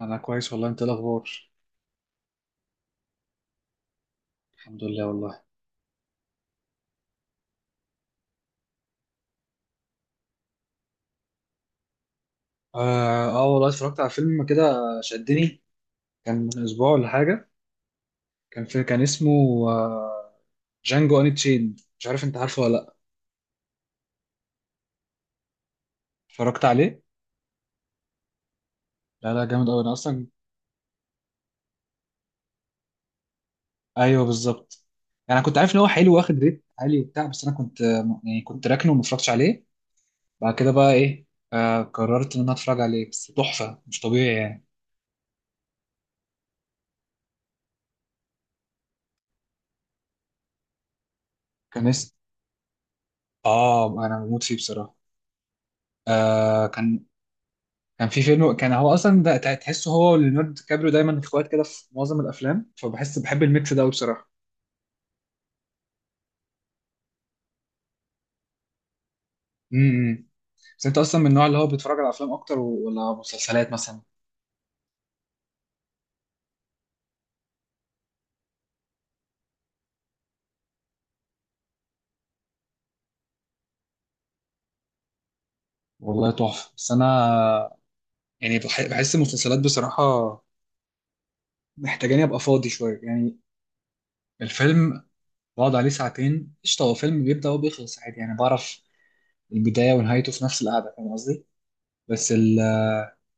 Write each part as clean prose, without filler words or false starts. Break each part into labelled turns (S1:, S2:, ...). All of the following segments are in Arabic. S1: انا كويس والله، انت إيه الاخبار؟ الحمد لله والله. اه، آه والله اتفرجت على فيلم كده. شدني. كان من اسبوع ولا حاجه. كان اسمه. آه جانجو اني تشين، مش عارف انت عارفه ولا لا. اتفرجت عليه. لا، لا، جامد قوي انا اصلا. ايوه، بالظبط. يعني انا كنت عارف ان هو حلو واخد ريت عالي وبتاع، بس انا كنت يعني كنت راكنه وما اتفرجتش عليه. بعد كده بقى ايه. قررت ان انا اتفرج عليه، بس تحفه مش طبيعي يعني. كان اسم اه انا بموت فيه بصراحه. آه كان كان في فيلم، كان هو اصلا ده تحسه هو وليوناردو دي كابريو دايما اخوات كده في معظم الافلام، فبحس بحب الميكس ده أوي بصراحه. امم بس انت اصلا من النوع اللي هو بيتفرج على افلام اكتر ولا مسلسلات مثلا؟ والله تحفه، بس انا يعني بحس المسلسلات بصراحه محتاجاني ابقى فاضي شويه يعني. الفيلم بقعد عليه ساعتين قشطه، هو فيلم بيبدا وبيخلص عادي، يعني بعرف البدايه ونهايته في نفس القعده، فاهم قصدي؟ بس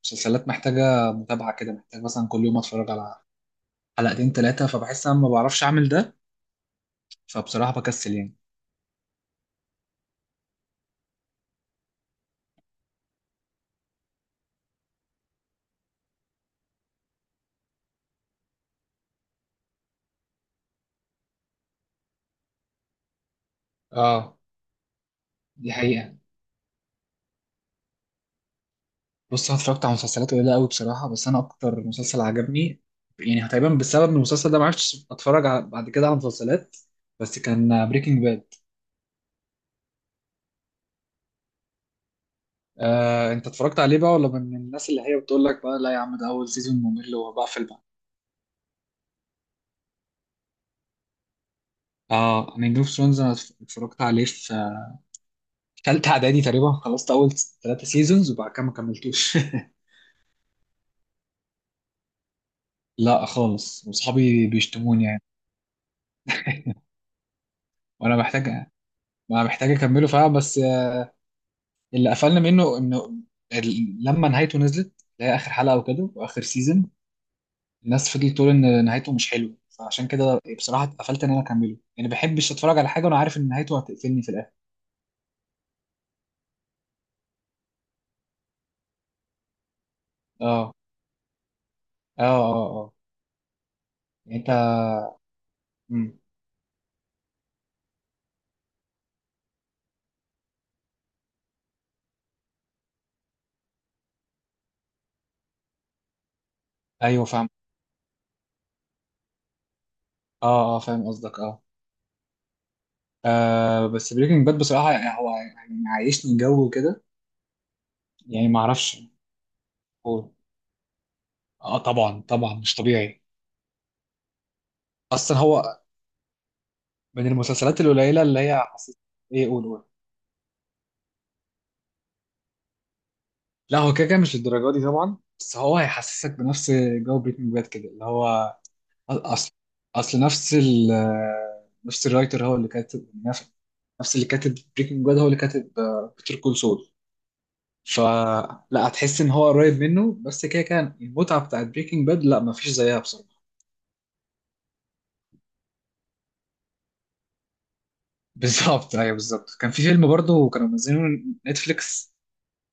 S1: المسلسلات محتاجه متابعه كده، محتاج مثلا كل يوم اتفرج على حلقتين تلاتة، فبحس انا ما بعرفش اعمل ده، فبصراحة بكسل يعني. اه، دي حقيقة. بص، انا اتفرجت على مسلسلات قليلة قوي بصراحة، بس انا اكتر مسلسل عجبني يعني تقريبا بسبب ان المسلسل ده ما عرفتش اتفرج على بعد كده على مسلسلات، بس كان بريكنج باد. انت اتفرجت عليه بقى ولا من الناس اللي هي بتقول لك بقى لا يا عم ده اول سيزون ممل وبقفل بقى؟ اه، انا جيم اوف ثرونز انا اتفرجت عليه في تالتة اعدادي تقريبا، خلصت اول ثلاثة سيزونز وبعد كده ما كملتوش. لا خالص، واصحابي بيشتموني يعني. وانا محتاج، ما محتاج اكمله فعلا، بس اللي قفلنا منه انه لما نهايته نزلت، اللي هي اخر حلقه وكده واخر سيزون. الناس فضلت تقول ان نهايته مش حلوه، فعشان كده بصراحه اتقفلت ان انا اكمله، يعني ما بحبش اتفرج على حاجه وانا عارف ان نهايته هتقفلني في الاخر. اه، اه، اه. اه يعني انت. مم. ايوه فاهم. اه، اه، فاهم قصدك اه. بس بريكنج باد بصراحه يعني هو يعني عايشني جو كده يعني ما اعرفش هو. اه، طبعا طبعا، مش طبيعي. اصلا هو من المسلسلات القليله اللي هي حسيت. ايه، قول قول. لا، هو كده كده مش الدرجه دي طبعا، بس هو هيحسسك بنفس جو بريكنج باد كده اللي هو، اصل اصل نفس الرايتر هو اللي كاتب نفس اللي كاتب بريكنج باد هو اللي كاتب بيتر كول سول. فلا هتحس ان هو قريب منه، بس كده كان المتعه بتاعت بريكنج باد لا مفيش زيها بصراحه. بالظبط، ايوه بالظبط كان في فيلم برضه كانوا منزلينه نتفليكس،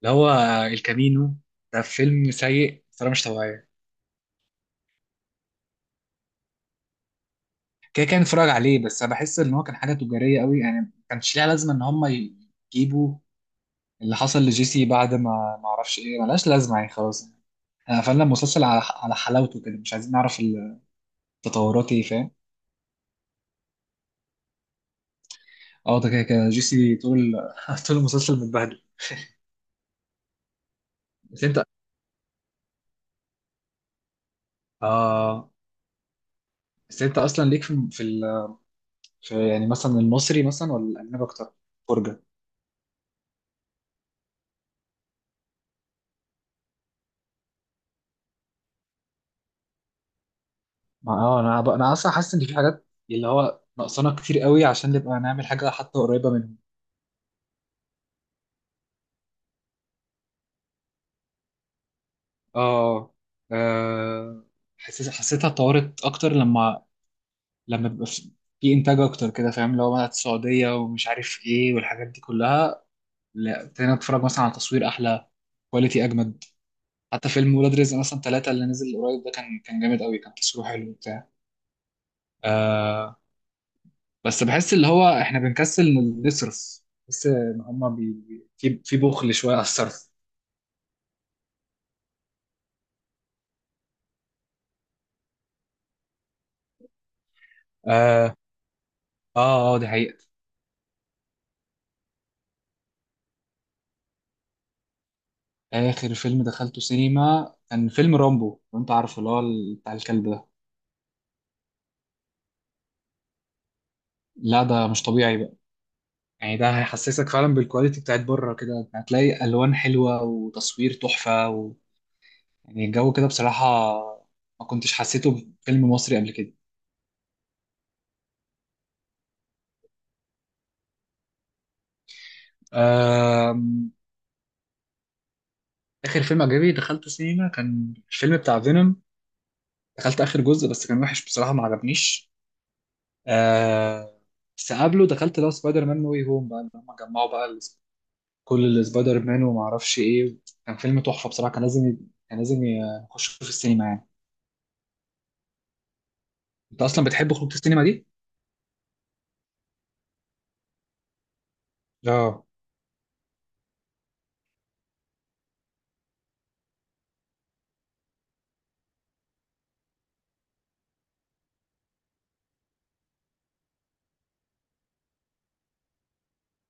S1: اللي هو الكامينو. ده فيلم سيء بطريقه مش طبيعيه. كده، كان اتفرج عليه، بس انا بحس ان هو كان حاجه تجاريه قوي، يعني ما كانش ليها لازمه ان هم يجيبوا اللي حصل لجيسي بعد ما ما اعرفش ايه، ملهاش لازمه يعني خلاص. احنا قفلنا المسلسل على حلاوته كده، مش عايزين نعرف التطورات ايه، فاهم. اه ده كده كده جيسي طول، طول المسلسل متبهدل. بس انت اه بس انت اصلا ليك في في يعني مثلا المصري مثلا ولا الاجنبي اكتر؟ فرجه. ما انا اصلا حاسس ان في حاجات اللي هو ناقصانا كتير قوي عشان نبقى نعمل حاجه حتى قريبه منهم. اه، آه، حسيتها اتطورت اكتر لما بيبقى في انتاج اكتر كده، فاهم لو بقى السعوديه ومش عارف ايه والحاجات دي كلها. لا، ابتدينا نتفرج مثلا على تصوير احلى، كواليتي اجمد. حتى فيلم ولاد رزق مثلا ثلاثة اللي نزل قريب ده، كان جامد قوي، كان تصويره حلو وبتاع. آه بس بحس اللي هو احنا بنكسل نصرف، بس ان هما في بخل شويه على الصرف. اه، اه، اه، دي حقيقة. آخر فيلم دخلته سينما كان فيلم رامبو، لو أنت عارفه اللي هو بتاع الكلب ده. لا، ده مش طبيعي بقى، يعني ده هيحسسك فعلا بالكواليتي بتاعت بره كده، هتلاقي ألوان حلوة وتصوير تحفة يعني الجو كده بصراحة، ما كنتش حسيته في فيلم مصري قبل كده. آم، آخر فيلم أجنبي دخلته سينما كان الفيلم بتاع فينوم، دخلت آخر جزء بس كان وحش بصراحة، ما عجبنيش. آه، بس قبله دخلت لو سبايدر مان نو واي هوم بقى لما جمعوا بقى كل السبايدر مان وما اعرفش ايه. كان فيلم تحفه بصراحه، كان لازم كان لازم يخش في السينما يعني. انت اصلا بتحب خروج السينما دي؟ اه،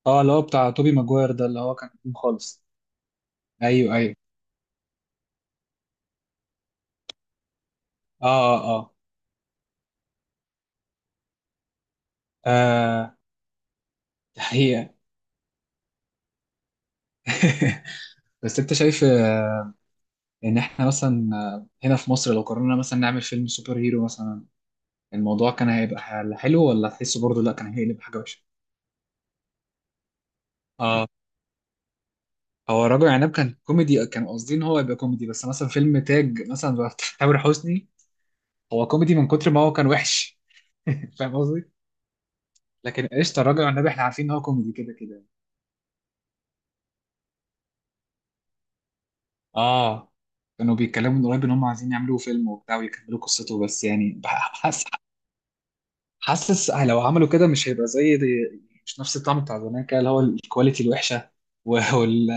S1: اه، اللي هو بتاع توبي ماجواير ده اللي هو كان قديم خالص. ايوه، ايوه. اه، اه، اه، آه. دي حقيقه. بس انت شايف ان احنا مثلا هنا في مصر لو قررنا مثلا نعمل فيلم سوبر هيرو مثلا، الموضوع كان هيبقى حلو ولا تحسه برضه لا كان هيقلب حاجه وحشه؟ اه، هو الراجل عناب كان كوميدي، كان قصدي ان هو يبقى كوميدي، بس مثلا فيلم تاج مثلا بتاع تامر حسني، هو كوميدي من كتر ما هو كان وحش. فاهم قصدي. لكن قشطه، الراجل والنبي احنا عارفين ان هو كوميدي كده كده. اه، كانوا بيتكلموا من قريب ان هم عايزين يعملوا فيلم وبتاع ويكملوا قصته، بس يعني حاسس لو عملوا كده مش هيبقى زي دي، مش نفس الطعم بتاع زمان كده، اللي هو الكواليتي الوحشه و- وال...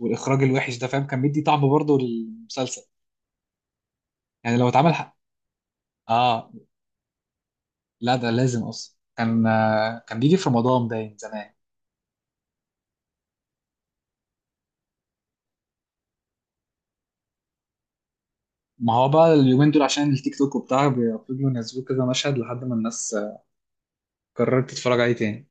S1: والاخراج الوحش ده، فاهم، كان بيدي طعم برضه للمسلسل. يعني لو اتعمل حق. اه، لا ده لازم اصلا، كان بيجي في رمضان باين زمان. ما هو بقى اليومين دول عشان التيك توك وبتاع بيفضلوا ينزلوا كذا مشهد لحد ما الناس قررت تتفرج عليه تاني.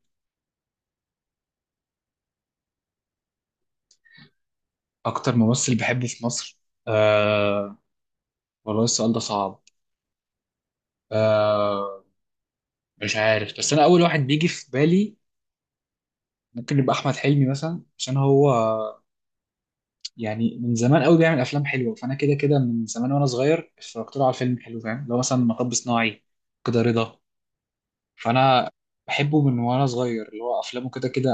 S1: اكتر ممثل بحبه في مصر؟ آه، والله السؤال ده صعب. آه مش عارف، بس انا اول واحد بيجي في بالي ممكن يبقى احمد حلمي مثلا، عشان هو يعني من زمان قوي بيعمل افلام حلوه، فانا كده كده من زمان وانا صغير اتفرجت له على فيلم حلو، فاهم، اللي هو مثلا مطب صناعي كده، رضا. فانا بحبه من وانا صغير، اللي هو افلامه كده كده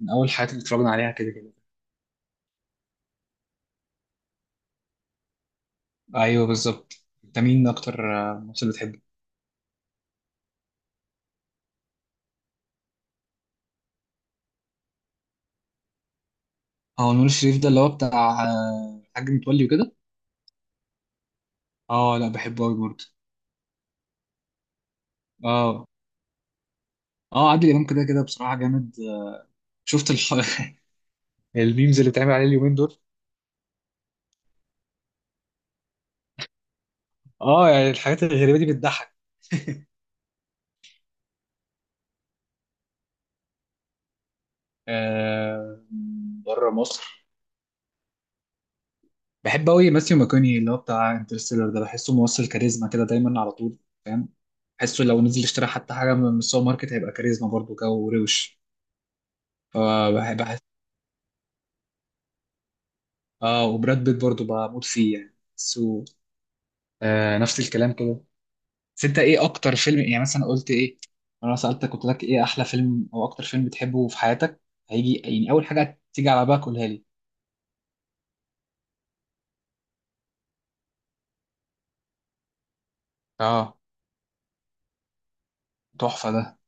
S1: من اول الحاجات اللي اتفرجنا عليها كده كده. ايوه، بالظبط. انت مين اكتر ممثل بتحبه؟ اه، نور الشريف ده اللي هو بتاع الحاج متولي وكده. اه لا، بحبه قوي برضه. اه، اه، عادل امام كده كده بصراحه جامد. شفت الميمز اللي بتعمل عليه اليومين دول. اه، يعني الحاجات الغريبه دي بتضحك. آه بره مصر بحب قوي ماثيو ماكوني، اللي هو بتاع انترستيلر ده، بحسه ممثل كاريزما كده دايما على طول، فاهم، بحسه لو نزل اشترى حتى حاجه من السوبر ماركت هيبقى كاريزما برضه كده وروش، فبحب. اه، وبراد بيت برضه بموت فيه يعني سو، نفس الكلام كده. بس انت ايه اكتر فيلم، يعني مثلا قلت ايه، انا سألتك قلت لك ايه احلى فيلم او اكتر فيلم بتحبه في حياتك، هيجي يعني اول حاجة تيجي على بالك قولها لي. اه، تحفة ده.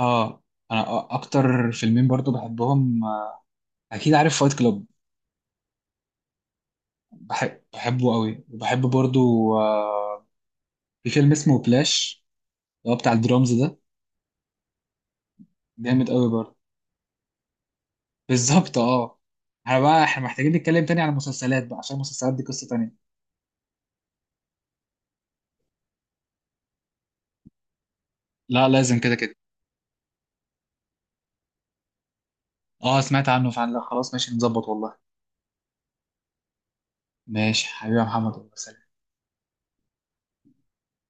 S1: اه، انا اكتر فيلمين برضه بحبهم، اكيد عارف فايت كلوب. بحبه قوي، وبحب برضه، آه في فيلم اسمه بلاش، اللي هو بتاع الدرامز ده، جامد قوي برضه. بالظبط اه، احنا بقى احنا محتاجين نتكلم تاني عن المسلسلات بقى عشان المسلسلات دي قصة تانية. لا لازم كده كده. اه، سمعت عنه فعلا، لا خلاص ماشي نظبط والله. ماشي حبيبي يا محمد، والله سلام.